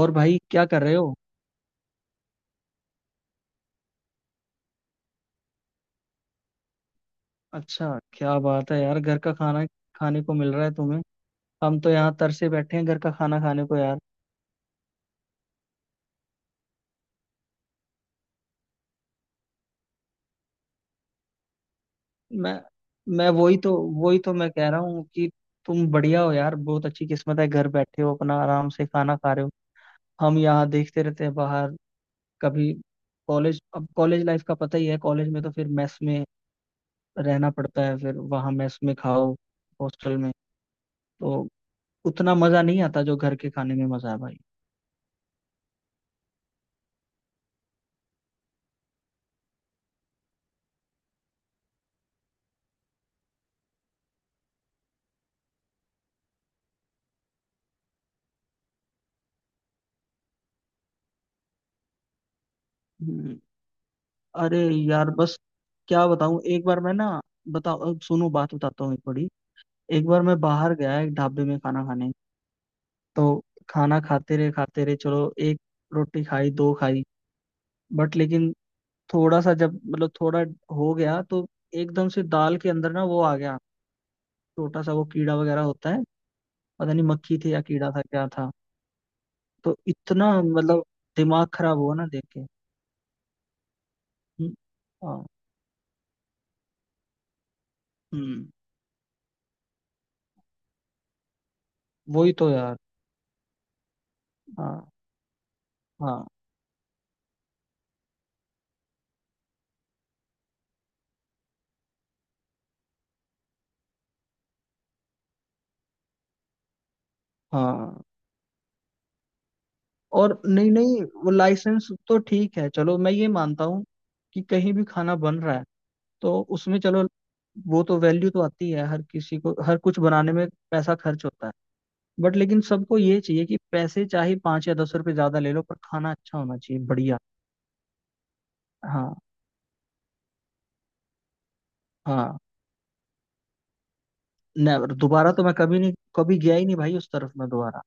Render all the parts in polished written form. और भाई क्या कर रहे हो? अच्छा, क्या बात है यार, घर का खाना खाने को मिल रहा है तुम्हें? हम तो यहाँ तरसे बैठे हैं घर का खाना खाने को यार। मैं मैं वही तो, मैं कह रहा हूँ कि तुम बढ़िया हो यार, बहुत अच्छी किस्मत है, घर बैठे हो अपना आराम से खाना खा रहे हो। हम यहाँ देखते रहते हैं बाहर, कभी कॉलेज। अब कॉलेज लाइफ का पता ही है, कॉलेज में तो फिर मेस में रहना पड़ता है, फिर वहाँ मेस में खाओ, हॉस्टल में, तो उतना मजा नहीं आता जो घर के खाने में मजा है भाई। हम्म। अरे यार बस क्या बताऊं, एक बार मैं ना, बताओ अब सुनो बात बताता हूँ एक बड़ी। एक बार मैं बाहर गया एक ढाबे में खाना खाने, तो खाना खाते रहे खाते रहे, चलो एक रोटी खाई दो खाई, बट लेकिन थोड़ा सा जब मतलब थोड़ा हो गया तो एकदम से दाल के अंदर ना वो आ गया, छोटा सा वो कीड़ा वगैरह होता है, पता नहीं मक्खी थी या कीड़ा था क्या था। तो इतना मतलब दिमाग खराब हुआ ना देख के। हम्म। हाँ। हम्म। वही तो यार। हाँ। हाँ। हाँ। और नहीं नहीं, वो लाइसेंस तो ठीक है, चलो मैं ये मानता हूँ कि कहीं भी खाना बन रहा है तो उसमें चलो, वो तो वैल्यू तो आती है, हर किसी को हर कुछ बनाने में पैसा खर्च होता है, बट लेकिन सबको ये चाहिए कि पैसे चाहे पाँच या दस रुपए ज्यादा ले लो, पर खाना अच्छा होना चाहिए, बढ़िया। हाँ। हाँ। नेवर, दोबारा तो मैं कभी नहीं, कभी गया ही नहीं भाई उस तरफ, मैं दोबारा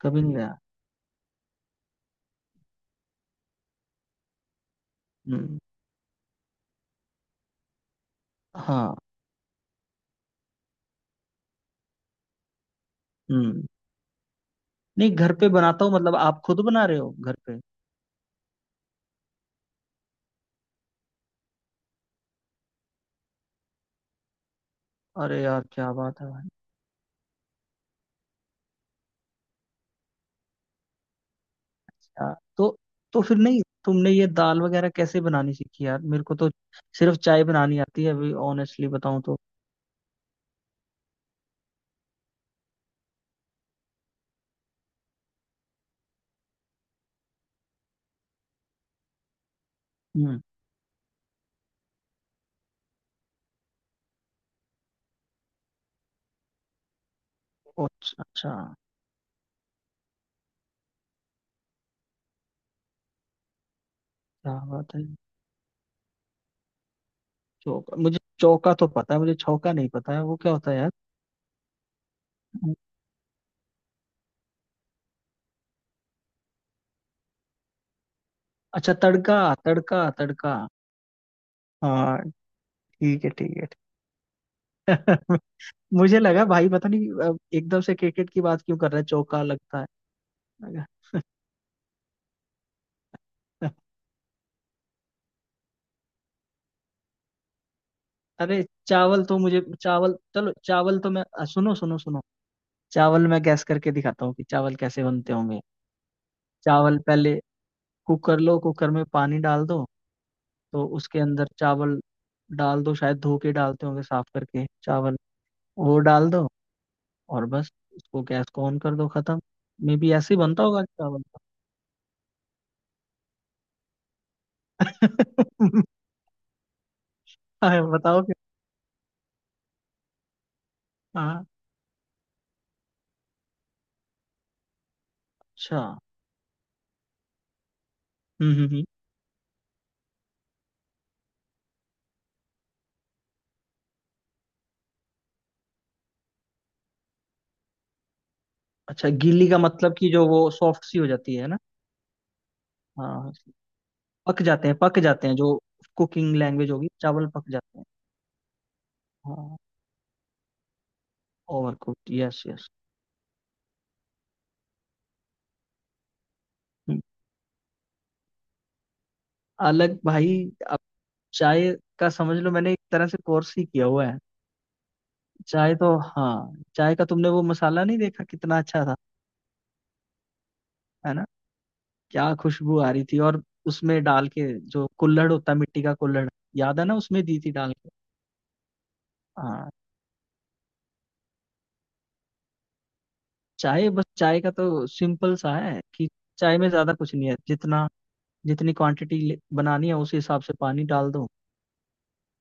कभी नहीं गया। हम्म। हाँ। हम्म। नहीं घर पे बनाता हूँ, मतलब आप खुद बना रहे हो घर पे? अरे यार क्या बात है। अच्छा, तो फिर नहीं तुमने ये दाल वगैरह कैसे बनानी सीखी यार, मेरे को तो सिर्फ चाय बनानी आती है, अभी ऑनेस्टली बताऊं तो। हम्म। अच्छा अच्छा। क्या बात है, चौका? मुझे चौका तो पता है, मुझे छौका नहीं पता है वो क्या होता है यार। अच्छा, तड़का! तड़का तड़का। हाँ, ठीक है ठीक है। ठीक है। मुझे लगा भाई पता नहीं, एकदम से क्रिकेट की बात क्यों कर रहा है, चौका लगता है। लगा। अरे चावल तो, मुझे चावल, चलो चावल तो मैं, सुनो सुनो सुनो। चावल मैं गैस करके दिखाता हूँ कि चावल कैसे बनते होंगे। चावल, पहले कुकर लो, कुकर में पानी डाल दो, तो उसके अंदर चावल डाल दो, शायद धो के डालते होंगे, साफ करके चावल वो डाल दो। और बस उसको, गैस को ऑन कर दो, खत्म। मे बी ऐसे ही बनता होगा चावल। हाँ, बताओ फिर। हाँ। अच्छा। हम्म हम्म हम्म। अच्छा, गीली का मतलब कि जो वो सॉफ्ट सी हो जाती है ना? हाँ, पक जाते हैं, पक जाते हैं जो कुकिंग लैंग्वेज होगी, चावल पक जाते हैं। हाँ। Overcooked, yes yes. अलग भाई, अब चाय का समझ लो मैंने एक तरह से कोर्स ही किया हुआ है। चाय तो, हाँ, चाय का तुमने वो मसाला नहीं देखा कितना अच्छा था, है ना? क्या खुशबू आ रही थी, और उसमें डाल के जो कुल्हड़ होता है, मिट्टी का कुल्हड़, याद है ना, उसमें दी थी डाल के। हाँ। चाय, बस चाय का तो सिंपल सा है कि चाय में ज्यादा कुछ नहीं है, जितना जितनी क्वांटिटी बनानी है उस हिसाब से पानी डाल दो,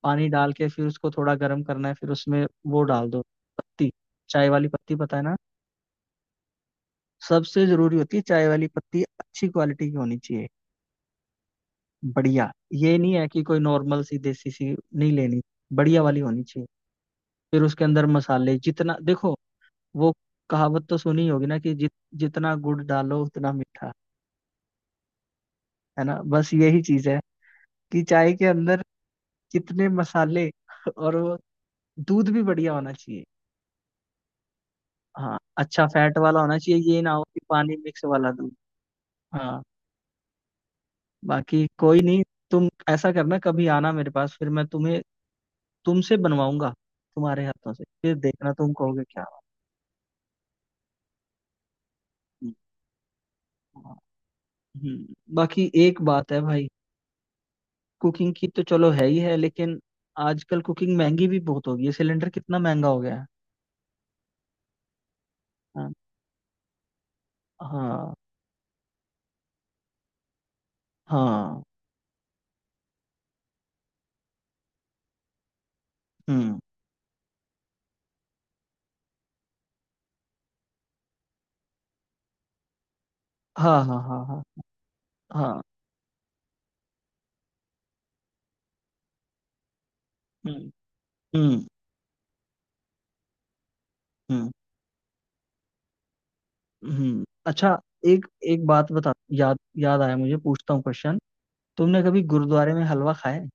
पानी डाल के फिर उसको थोड़ा गर्म करना है, फिर उसमें वो डाल दो, पत्ती। चाय वाली पत्ती, पता है ना? सबसे जरूरी होती है चाय वाली पत्ती, अच्छी क्वालिटी की होनी चाहिए, बढ़िया। ये नहीं है कि कोई नॉर्मल सी, देसी सी नहीं लेनी, बढ़िया वाली होनी चाहिए। फिर उसके अंदर मसाले जितना देखो, वो कहावत तो सुनी होगी ना कि जितना गुड़ डालो उतना मीठा, है ना? बस यही चीज है कि चाय के अंदर कितने मसाले, और वो दूध भी बढ़िया होना चाहिए। हाँ, अच्छा फैट वाला होना चाहिए, ये ना हो कि पानी मिक्स वाला दूध। हाँ। बाकी कोई नहीं, तुम ऐसा करना कभी आना मेरे पास, फिर मैं तुम्हें, तुमसे बनवाऊंगा तुम्हारे हाथों से, फिर देखना तुम कहोगे क्या बात है। हम्म। बाकी एक बात है भाई, कुकिंग की तो चलो है ही है, लेकिन आजकल कुकिंग महंगी भी बहुत हो गई है, सिलेंडर कितना महंगा हो गया है। हाँ। हाँ। हाँ। हम्म। हाँ हाँ हाँ हाँ। हाँ। हम्म। हम्म। हम्म। हम्म। अच्छा, एक, एक बात बता, याद याद आया, मुझे, पूछता हूँ क्वेश्चन। तुमने कभी गुरुद्वारे में हलवा खाया है?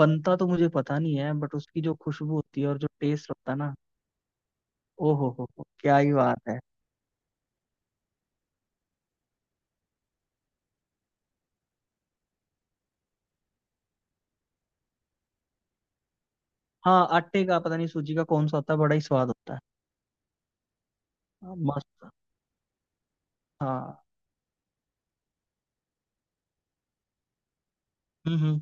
बनता तो मुझे पता नहीं है, बट उसकी जो खुशबू होती है और जो टेस्ट होता है ना। ओहो हो, क्या ही बात है। हाँ, आटे का पता नहीं, सूजी का कौन सा होता है, बड़ा ही स्वाद होता है। हाँ, मस्त। हाँ। हम्म।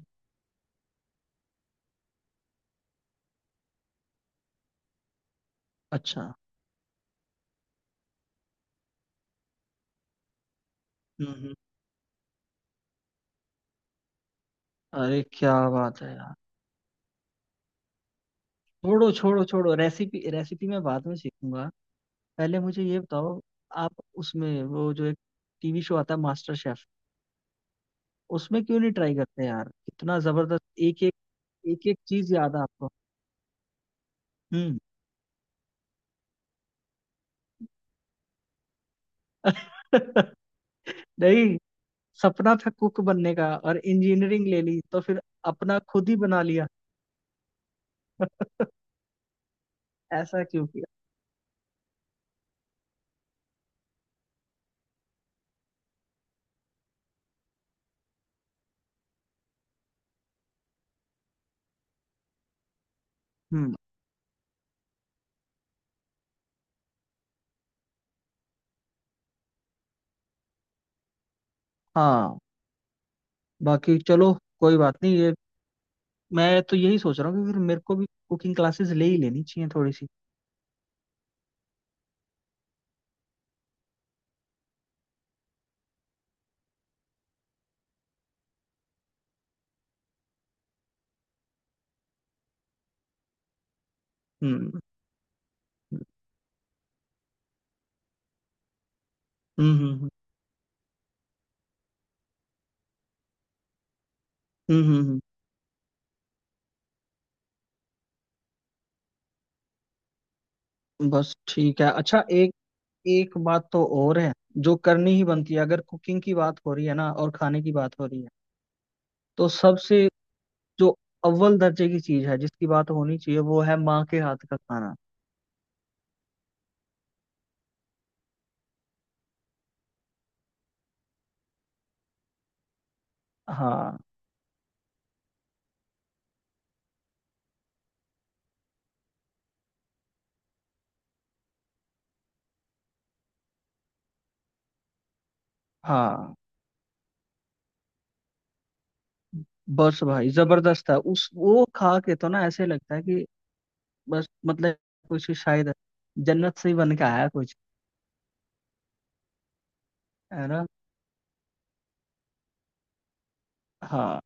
अच्छा। हम्म। अरे क्या बात है यार, छोड़ो छोड़ो छोड़ो, रेसिपी रेसिपी मैं बाद में सीखूंगा। पहले मुझे ये बताओ, आप उसमें वो, जो एक टीवी शो आता है, मास्टर शेफ, उसमें क्यों नहीं ट्राई करते यार? कितना जबरदस्त, एक एक, एक एक चीज याद है आपको? हम्म। नहीं, सपना था कुक बनने का और इंजीनियरिंग ले ली, तो फिर अपना खुद ही बना लिया। ऐसा क्यों? हम्म। हाँ। बाकी चलो, कोई बात नहीं ये, मैं तो यही सोच रहा हूँ कि फिर मेरे को भी कुकिंग क्लासेस ले ही लेनी चाहिए थोड़ी सी। हम्म। हम्म। हम्म, हम्म, हम्म। बस, ठीक है। अच्छा, एक, एक बात तो और है जो करनी ही बनती है अगर कुकिंग की बात हो रही है ना और खाने की बात हो रही है, तो सबसे जो अव्वल दर्जे की चीज है जिसकी बात होनी चाहिए, वो है माँ के हाथ का खाना। हाँ। हाँ। बस भाई, जबरदस्त है, उस वो खा के तो ना ऐसे लगता है कि बस मतलब कुछ शायद जन्नत से ही बन के आया कुछ। है ना? हाँ।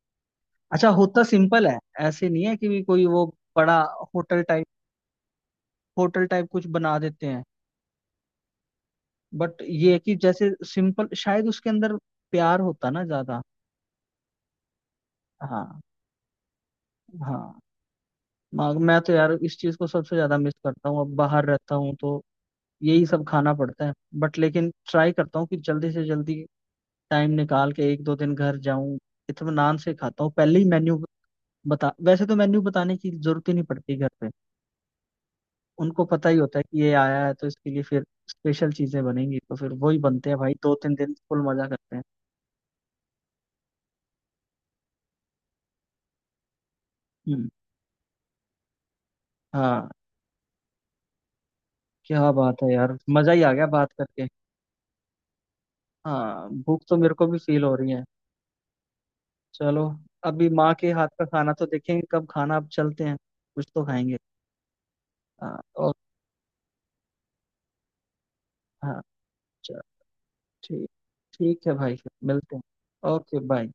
अच्छा, होता सिंपल है, ऐसे नहीं है कि भी कोई वो बड़ा होटल टाइप, होटल टाइप कुछ बना देते हैं, बट ये है कि जैसे सिंपल, शायद उसके अंदर प्यार होता ना ज्यादा। हाँ। हाँ। मैं तो यार इस चीज को सबसे ज्यादा मिस करता हूँ, अब बाहर रहता हूँ तो यही सब खाना पड़ता है, बट लेकिन ट्राई करता हूँ कि जल्दी से जल्दी टाइम निकाल के एक दो दिन घर जाऊं, इत्मीनान से खाता हूँ। पहले ही मेन्यू बता, वैसे तो मेन्यू बताने की जरूरत ही नहीं पड़ती घर पे, उनको पता ही होता है कि ये आया है तो इसके लिए फिर स्पेशल चीजें बनेंगी, तो फिर वही बनते हैं भाई, दो तीन दिन फुल मजा करते हैं। हम्म। हाँ। क्या बात है यार, मजा ही आ गया बात करके। हाँ, भूख तो मेरे को भी फील हो रही है। चलो, अभी माँ के हाथ का खाना तो देखेंगे कब खाना, अब चलते हैं कुछ तो खाएंगे। हाँ। और हाँ, चल, ठीक, ठीक है भाई, फिर मिलते हैं, ओके बाय।